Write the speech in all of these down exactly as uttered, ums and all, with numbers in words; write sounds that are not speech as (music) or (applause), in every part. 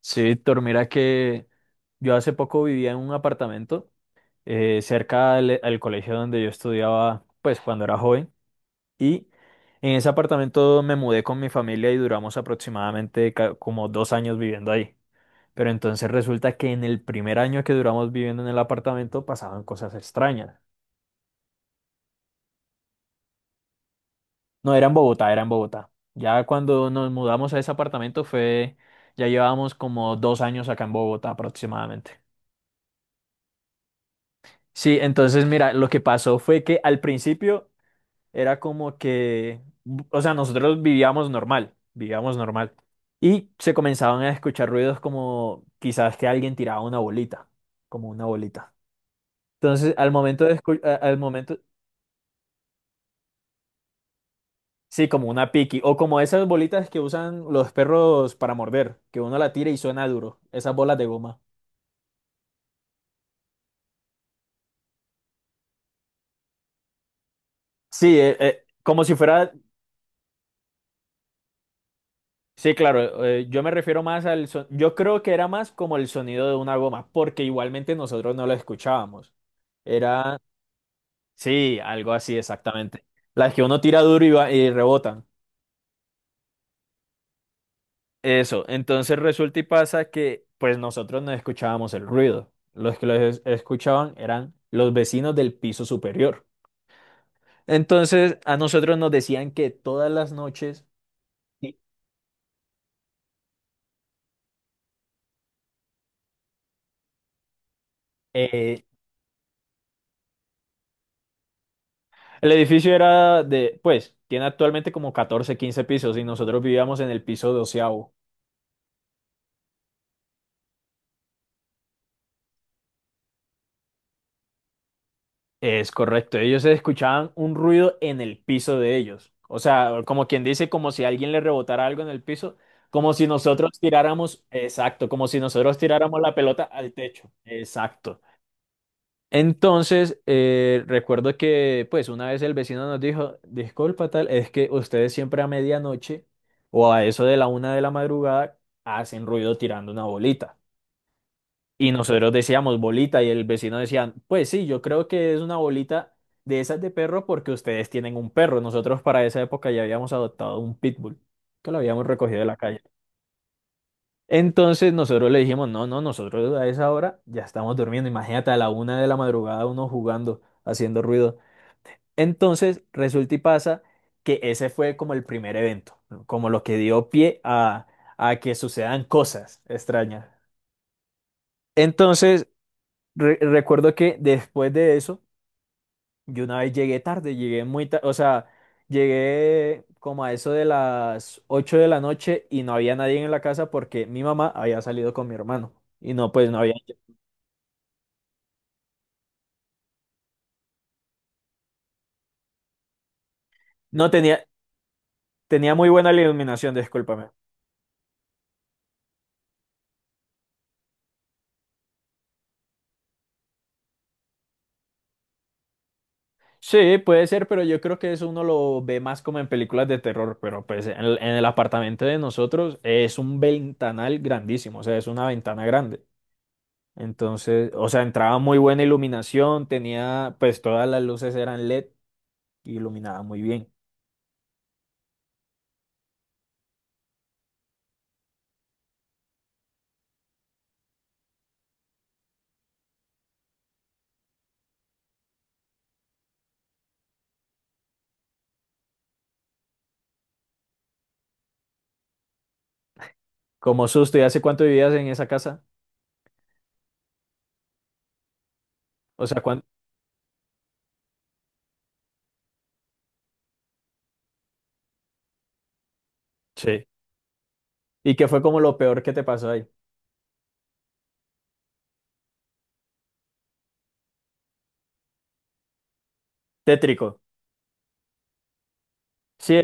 Sí, Víctor, mira que yo hace poco vivía en un apartamento eh, cerca al, al colegio donde yo estudiaba, pues cuando era joven, y en ese apartamento me mudé con mi familia y duramos aproximadamente ca- como dos años viviendo ahí. Pero entonces resulta que en el primer año que duramos viviendo en el apartamento pasaban cosas extrañas. No era en Bogotá, era en Bogotá. Ya cuando nos mudamos a ese apartamento fue, ya llevábamos como dos años acá en Bogotá aproximadamente. Sí, entonces mira, lo que pasó fue que al principio era como que, o sea, nosotros vivíamos normal, vivíamos normal. Y se comenzaban a escuchar ruidos como quizás que alguien tiraba una bolita, como una bolita. Entonces, al momento de escu- a- al momento, sí, como una piqui, o como esas bolitas que usan los perros para morder, que uno la tira y suena duro, esas bolas de goma. Sí, eh, eh, como si fuera. Sí, claro, eh, yo me refiero más al son- yo creo que era más como el sonido de una goma, porque igualmente nosotros no lo escuchábamos. Era, sí, algo así exactamente. Las que uno tira duro y, va- y rebotan. Eso, entonces resulta y pasa que pues nosotros no escuchábamos el ruido. Los que lo es- escuchaban eran los vecinos del piso superior. Entonces a nosotros nos decían que todas las noches eh, el edificio era de, pues, tiene actualmente como catorce, quince pisos y nosotros vivíamos en el piso doceavo. Es correcto, ellos escuchaban un ruido en el piso de ellos. O sea, como quien dice, como si alguien le rebotara algo en el piso, como si nosotros tiráramos, exacto, como si nosotros tiráramos la pelota al techo. Exacto. Entonces, eh, recuerdo que, pues, una vez el vecino nos dijo, disculpa tal, es que ustedes siempre a medianoche o a eso de la una de la madrugada hacen ruido tirando una bolita. Y nosotros decíamos bolita y el vecino decía, pues sí, yo creo que es una bolita de esas de perro porque ustedes tienen un perro. Nosotros para esa época ya habíamos adoptado un pitbull que lo habíamos recogido de la calle. Entonces nosotros le dijimos, no, no, nosotros a esa hora ya estamos durmiendo. Imagínate a la una de la madrugada uno jugando, haciendo ruido. Entonces, resulta y pasa que ese fue como el primer evento, ¿no? Como lo que dio pie a, a que sucedan cosas extrañas. Entonces, re- recuerdo que después de eso, yo una vez llegué tarde, llegué muy tarde, o sea, llegué como a eso de las ocho de la noche y no había nadie en la casa porque mi mamá había salido con mi hermano y no, pues no había, no tenía, tenía muy buena iluminación, discúlpame. Sí, puede ser, pero yo creo que eso uno lo ve más como en películas de terror, pero pues en el, en el apartamento de nosotros es un ventanal grandísimo, o sea, es una ventana grande. Entonces, o sea, entraba muy buena iluminación, tenía, pues todas las luces eran L E D y iluminaba muy bien. Como susto, ¿y hace cuánto vivías en esa casa? O sea, ¿cuánto? Sí. ¿Y qué fue como lo peor que te pasó ahí? Tétrico. Sí.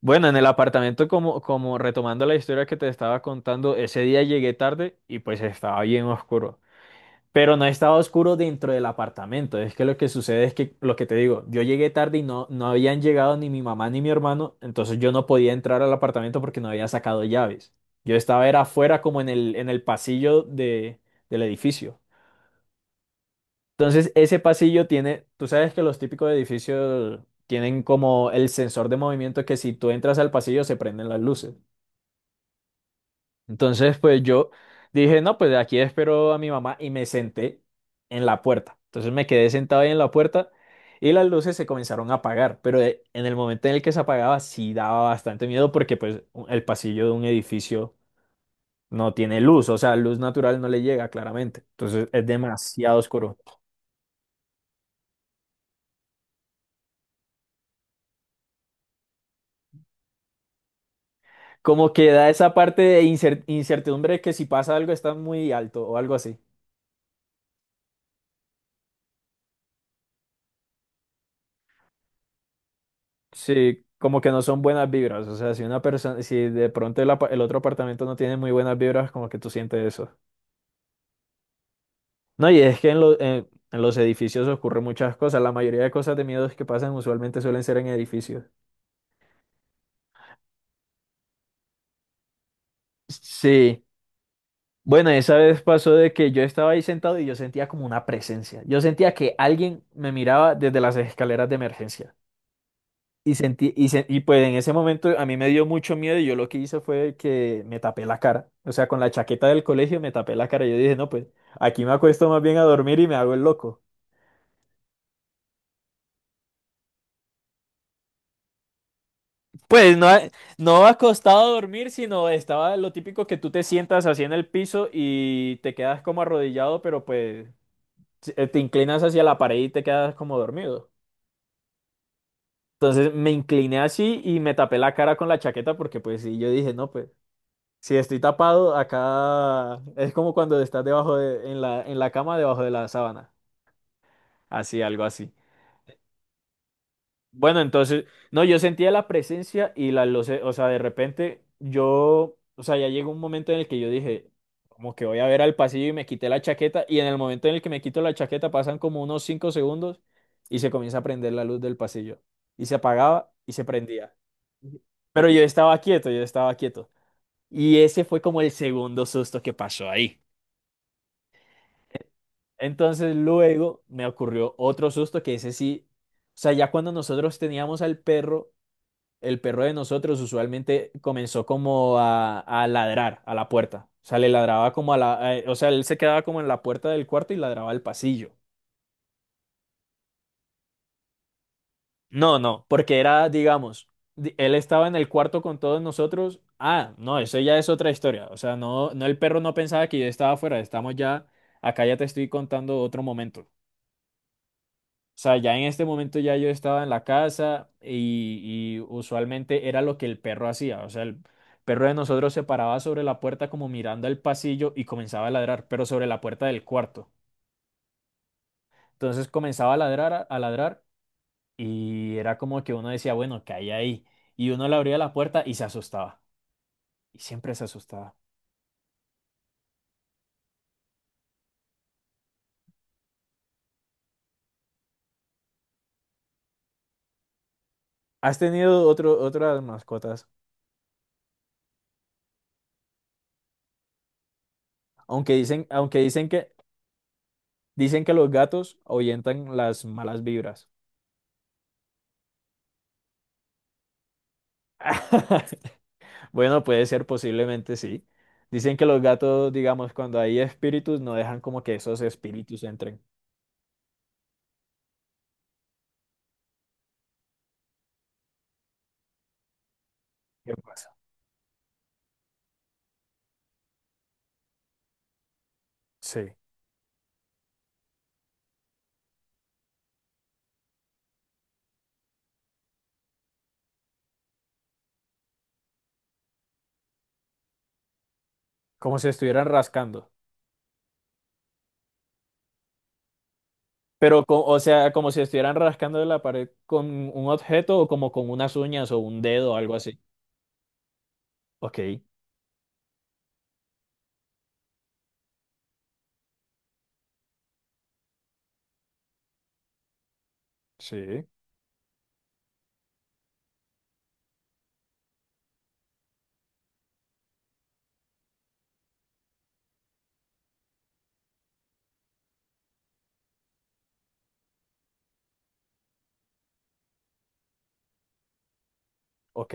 Bueno, en el apartamento, como, como retomando la historia que te estaba contando, ese día llegué tarde y pues estaba bien oscuro. Pero no estaba oscuro dentro del apartamento. Es que lo que sucede es que, lo que te digo, yo llegué tarde y no, no habían llegado ni mi mamá ni mi hermano, entonces yo no podía entrar al apartamento porque no había sacado llaves. Yo estaba era afuera como en el, en el pasillo de, del edificio. Entonces ese pasillo tiene, tú sabes que los típicos edificios tienen como el sensor de movimiento que si tú entras al pasillo se prenden las luces. Entonces, pues yo dije, no, pues aquí espero a mi mamá y me senté en la puerta. Entonces me quedé sentado ahí en la puerta y las luces se comenzaron a apagar, pero eh, en el momento en el que se apagaba sí daba bastante miedo porque pues u- el pasillo de un edificio no tiene luz, o sea, luz natural no le llega claramente. Entonces es demasiado oscuro. Como que da esa parte de incer- incertidumbre que si pasa algo está muy alto o algo así. Sí, como que no son buenas vibras. O sea, si una persona, si de pronto el, apa- el otro apartamento no tiene muy buenas vibras, como que tú sientes eso. No, y es que en, lo- en- en los edificios ocurren muchas cosas. La mayoría de cosas de miedos que pasan usualmente suelen ser en edificios. Sí. Bueno, esa vez pasó de que yo estaba ahí sentado y yo sentía como una presencia. Yo sentía que alguien me miraba desde las escaleras de emergencia. Y sentí, y, se- y pues en ese momento a mí me dio mucho miedo y yo lo que hice fue que me tapé la cara. O sea, con la chaqueta del colegio me tapé la cara. Yo dije, no, pues aquí me acuesto más bien a dormir y me hago el loco. Pues no, a- no acostado a dormir, sino estaba lo típico que tú te sientas así en el piso y te quedas como arrodillado, pero pues si, eh, te inclinas hacia la pared y te quedas como dormido. Entonces me incliné así y me tapé la cara con la chaqueta porque pues sí, yo dije, no, pues. Si estoy tapado, acá es como cuando estás debajo de, en la, en la cama, debajo de la sábana. Así, algo así. Bueno, entonces, no, yo sentía la presencia y la luz, o sea, de repente yo, o sea, ya llegó un momento en el que yo dije, como que voy a ver al pasillo y me quité la chaqueta y en el momento en el que me quito la chaqueta pasan como unos cinco segundos y se comienza a prender la luz del pasillo y se apagaba y se prendía. Pero yo estaba quieto, yo estaba quieto. Y ese fue como el segundo susto que pasó ahí. Entonces luego me ocurrió otro susto que ese sí, o sea, ya cuando nosotros teníamos al perro, el perro de nosotros usualmente comenzó como a, a ladrar a la puerta. O sea, le ladraba como a la, eh, o sea, él se quedaba como en la puerta del cuarto y ladraba al pasillo. No, no, porque era, digamos, di- él estaba en el cuarto con todos nosotros. Ah, no, eso ya es otra historia. O sea, no, no, el perro no pensaba que yo estaba afuera. Estamos ya, acá ya te estoy contando otro momento. O sea, ya en este momento ya yo estaba en la casa y, y usualmente era lo que el perro hacía. O sea, el perro de nosotros se paraba sobre la puerta como mirando el pasillo y comenzaba a ladrar, pero sobre la puerta del cuarto. Entonces comenzaba a ladrar, a a ladrar y era como que uno decía, bueno, ¿qué hay ahí? Y uno le abría la puerta y se asustaba. Y siempre se asustaba. ¿Has tenido otro, otras mascotas? Aunque dicen, aunque dicen que, dicen que los gatos ahuyentan las malas vibras. (laughs) Bueno, puede ser, posiblemente sí. Dicen que los gatos, digamos, cuando hay espíritus, no dejan como que esos espíritus entren. ¿Qué pasa? Sí, como si estuvieran rascando. Pero, co- o sea, como si estuvieran rascando de la pared con un objeto o como con unas uñas o un dedo o algo así. Ok, sí, ok.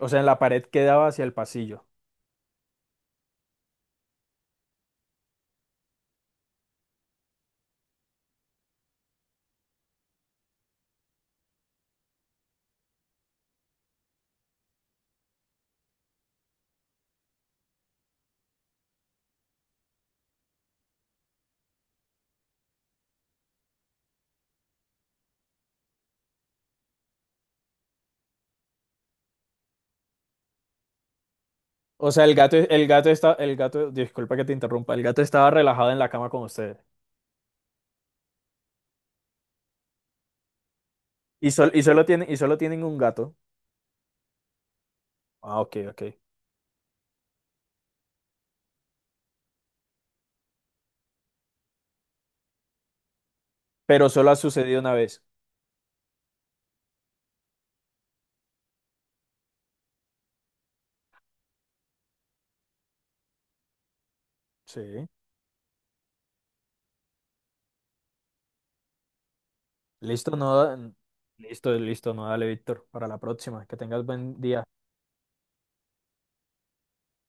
O sea, en la pared quedaba hacia el pasillo. O sea, el gato, el gato está, el gato, disculpa que te interrumpa, el gato estaba relajado en la cama con ustedes. Y, sol- y solo tienen, y solo tienen un gato. Ah, ok, ok. Pero solo ha sucedido una vez. Sí. Listo, no, listo, listo, no, dale, Víctor, para la próxima. Que tengas buen día.